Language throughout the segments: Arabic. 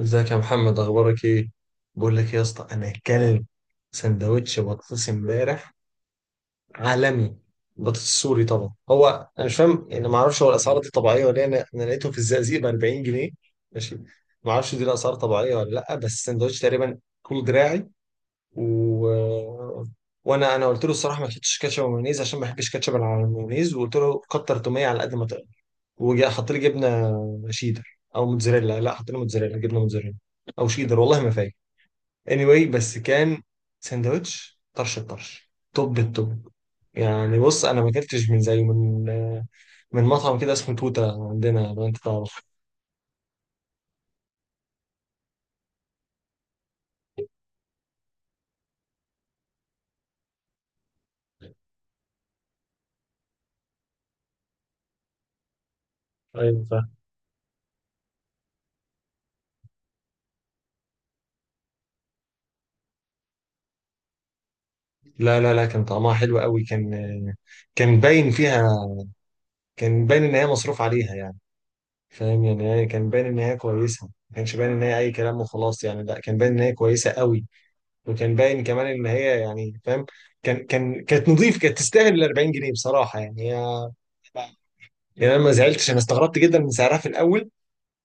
ازيك يا محمد، اخبارك ايه؟ بقول لك إيه يا اسطى، انا كلب سندوتش بطاطس امبارح عالمي. بطاطس سوري طبعا. هو انا مش فاهم يعني، ما اعرفش هو الاسعار دي طبيعيه ولا إيه. انا لقيته في الزقازيق ب 40 جنيه. ماشي. ما اعرفش دي الاسعار طبيعيه ولا لا، بس السندوتش تقريبا طول دراعي. و... وانا قلت له الصراحه ما كنتش كاتشب ومايونيز عشان ما بحبش كاتشب على المايونيز، وقلت له كتر توميه على قد ما تقدر. وحط لي جبنه شيدر او موتزاريلا، لا حط لي موتزاريلا، جبنه موتزاريلا او شيدر، والله ما فاكر. Anyway بس كان ساندوتش طرش الطرش، توب التوب. يعني بص انا ما اكلتش من زيه من مطعم كده اسمه توته عندنا، لو انت تعرف. ايوه فاهم. لا لا لا، كان طعمها حلو قوي. كان، كان باين فيها، كان باين ان هي مصروف عليها يعني. فاهم يعني، هي كان باين ان هي كويسه، ما كانش باين ان هي اي كلام وخلاص يعني، لا كان باين ان هي كويسه قوي. وكان باين كمان ان هي يعني فاهم. كان كانت نظيف، كانت تستاهل ال 40 جنيه بصراحه يعني هي. يعني انا ما زعلتش، انا استغربت جدا من سعرها في الاول.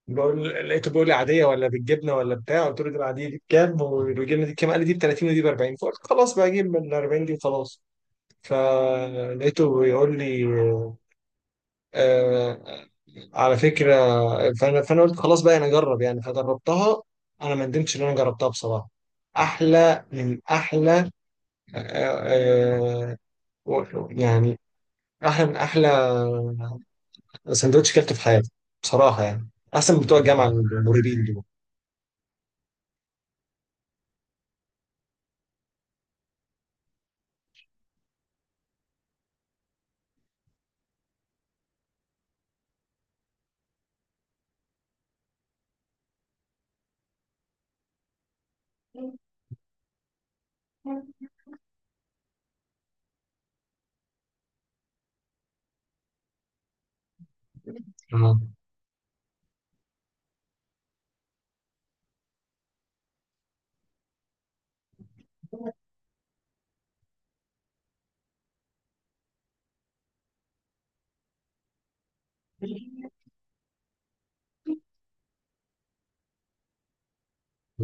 بقول لقيته بيقول لي عاديه ولا بالجبنه ولا بتاع، قلت له دي العاديه دي بكام والجبنه دي بكام، قال لي دي ب 30 ودي ب 40، فقلت خلاص بقى اجيب من 40 دي وخلاص. فلقيته بيقول لي آه على فكره. فانا قلت خلاص بقى انا اجرب يعني، فجربتها. انا ما ندمتش ان انا جربتها بصراحه. احلى من احلى. آه، آه، يعني احلى من احلى سندوتش كلته في حياتي بصراحه يعني. احسن من بتوع الجامعه المريبين دول. اه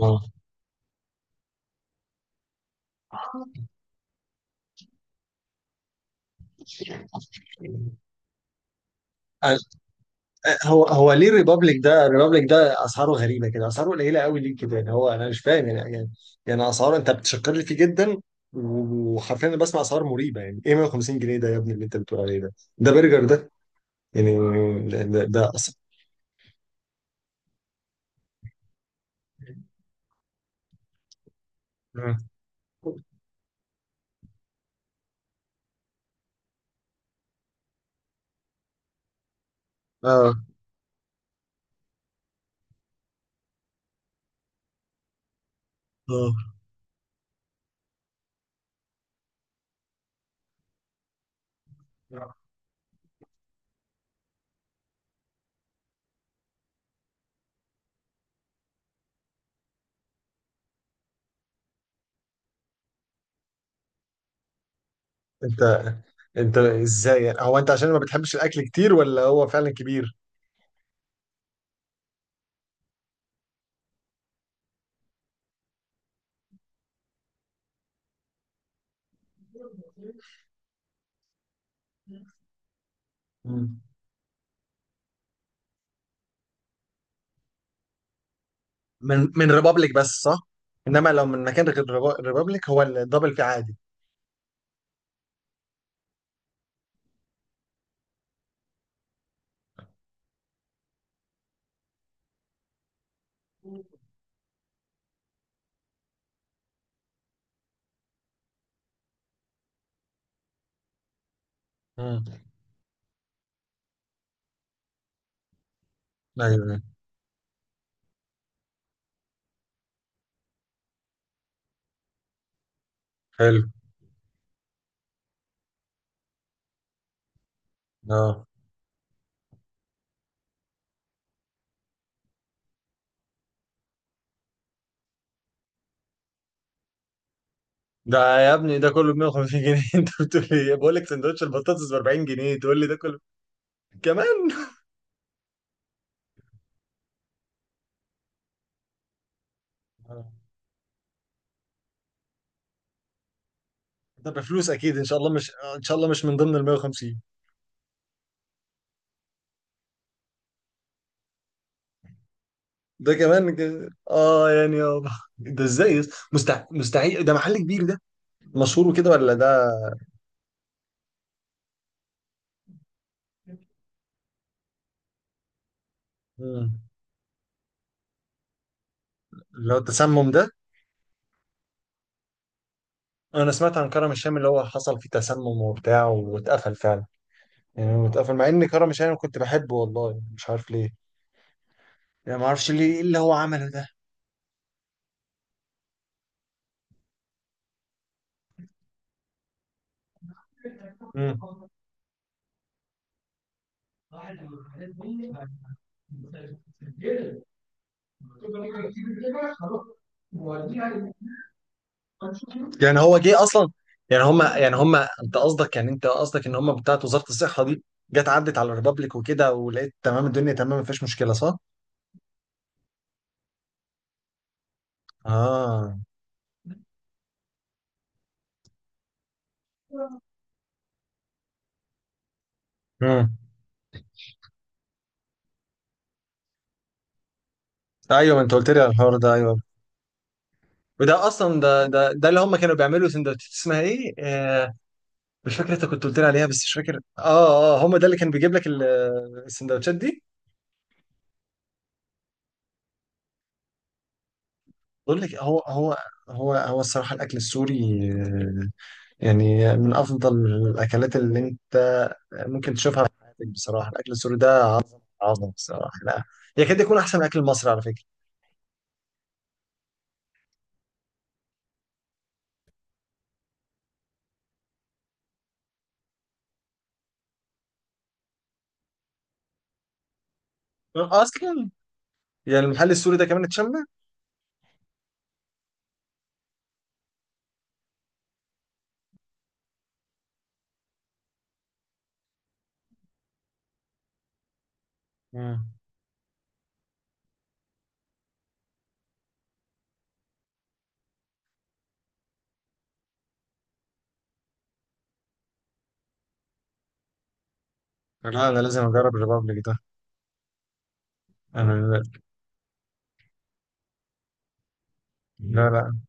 اه. آه، هو ليه الريبابليك ده، اسعاره غريبه كده، اسعاره قليله قوي، ليه كده يعني؟ هو انا مش فاهم يعني اسعاره انت بتشكر لي فيه جدا، وحرفيا انا بسمع اسعار مريبه. يعني ايه 150 جنيه ده يا ابني اللي انت بتقول عليه ده؟ ده برجر ده يعني. ده ده, ده أص... اه اه. انت انت ازاي يعني، هو انت عشان ما بتحبش الاكل كتير ولا هو فعلا كبير؟ مم. من ريبابليك بس صح. انما لو من مكان غير ريبابليك هو الدبل فيه عادي. مم. ايوه. حلو. اه. ده يا ابني ده كله ب 150 جنيه انت بتقول لي إيه؟ بقول لك سندوتش البطاطس ب 40 جنيه تقول لي ده كله؟ كمان. آه. ده بفلوس اكيد ان شاء الله، مش آه، ان شاء الله مش من ضمن ال 150. ده كمان اه يعني اه. ده ازاي مستحيل؟ ده محل كبير، ده مشهور وكده، ولا ده؟ مم. اللي هو التسمم ده. انا سمعت عن كرم الشام اللي هو حصل فيه تسمم وبتاع واتقفل فعلا. يعني هو اتقفل مع ان كرم الشام كنت بحبه، والله مش عارف ليه، يعني ما اعرفش ليه ايه اللي هو عمله ده. مم. يعني هو جه اصلا، يعني هم انت قصدك، ان هم بتاعت وزارة الصحة دي جت عدت على الريبابليك وكده، ولقيت تمام، الدنيا تمام مفيش مشكلة، صح؟ اه. امم. ايوه ما انت قلت لي على الحوار ده. ايوه. وده اصلا ده اللي هم كانوا بيعملوا سندوتشات اسمها ايه مش فاكر، انت كنت قلت لي عليها بس مش فاكر. اه اه، هم ده اللي كان بيجيب لك السندوتشات دي. بقول لك هو الصراحه الاكل السوري آه، يعني من افضل الاكلات اللي انت ممكن تشوفها في حياتك بصراحه. الاكل السوري ده عظمه بصراحه، لا، يكاد يكون احسن من الاكل المصري على فكره. اصلا يعني المحل السوري ده كمان اتشمل. مم. لا انا لازم اجرب الريبابليك ده. انا لا لا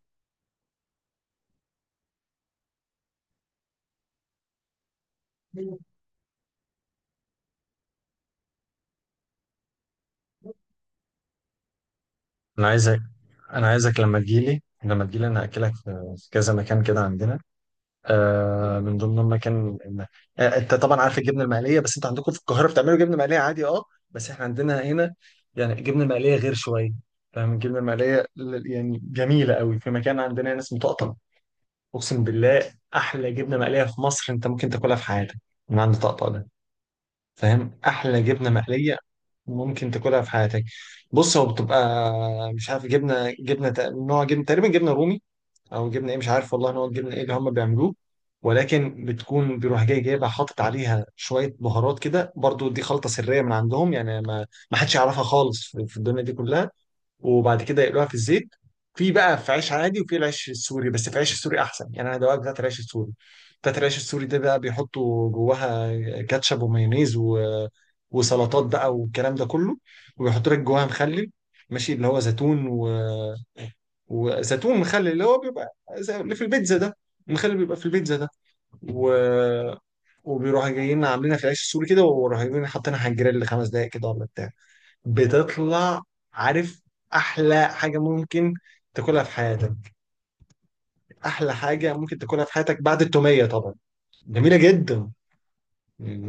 انا عايزك انا عايزك لما تجيلي، لما تجيلي انا هاكلك في في كذا مكان كده عندنا. آه من ضمن المكان آه، انت طبعا عارف الجبنه المقليه، بس انت عندكم في القاهره بتعملوا جبنه مقليه عادي. اه. بس احنا عندنا هنا يعني الجبنه المقليه غير شويه. فاهم؟ الجبنه المقليه يعني جميله قوي، في مكان عندنا هنا اسمه طقطق. اقسم بالله احلى جبنه مقليه في مصر انت ممكن تاكلها في حياتك من عند طقطق ده. فاهم؟ احلى جبنه مقليه ممكن تاكلها في حياتك. بص هو بتبقى، مش عارف، نوع جبنه، تقريبا جبنه رومي او جبنه ايه، مش عارف والله نوع الجبنه ايه اللي هم بيعملوه. ولكن بتكون بيروح جاي جايبها حاطط عليها شويه بهارات كده، برضو دي خلطه سريه من عندهم، يعني ما حدش يعرفها خالص في الدنيا دي كلها. وبعد كده يقلوها في الزيت في، بقى في عيش عادي وفي العيش السوري، بس في العيش السوري احسن يعني، انا دواك بتاعت العيش السوري. بتاعت العيش السوري ده بقى بيحطوا جواها كاتشب ومايونيز وسلطات بقى والكلام ده كله، وبيحطوا لك جواها مخلل، ماشي، اللي هو زيتون وزيتون مخلل اللي هو بيبقى زي اللي في البيتزا ده، المخلل بيبقى في البيتزا ده. و... وبيروحوا جايين عاملينها في العيش السوري كده، وراح جايين حاطينها على الجريل خمس دقايق كده ولا بتاع، بتطلع، عارف، احلى حاجه ممكن تاكلها في حياتك. احلى حاجه ممكن تاكلها في حياتك بعد التوميه طبعا. جميله جدا،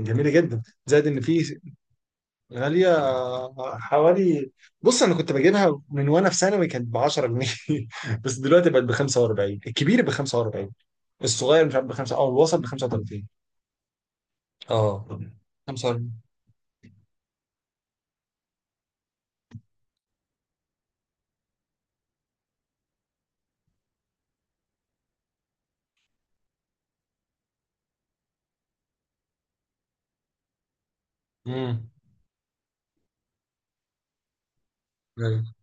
جميله جدا، زائد ان في. غاليه، حوالي، بص انا كنت بجيبها من وانا في ثانوي كانت ب 10 جنيه بس دلوقتي بقت ب 45، الكبير ب 45، الصغير مش عارف ب 5 او الوسط ب 35. اه 45. امم. ايوه.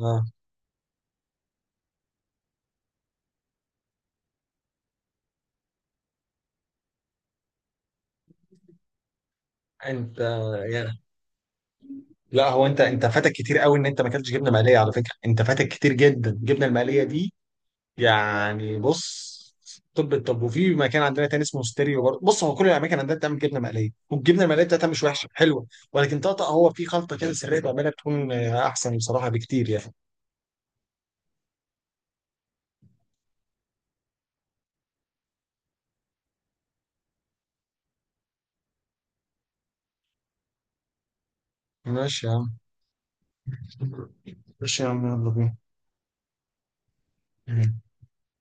اه. انت، لا هو انت فاتك كتير قوي ان انت ما اكلتش جبنه مقليه على فكره، انت فاتك كتير جدا الجبنه المقليه دي يعني. بص طب، الطب، وفي مكان عندنا تاني اسمه ستيريو برضه. بص هو كل الاماكن عندنا بتعمل جبنه مقليه والجبنه المقليه بتاعتها مش وحشه، حلوه. ولكن طقطق هو في خلطه كده سريه بعملها تكون احسن بصراحه بكتير يعني. ماشي يا عم، ماشي يا عم. يلا بينا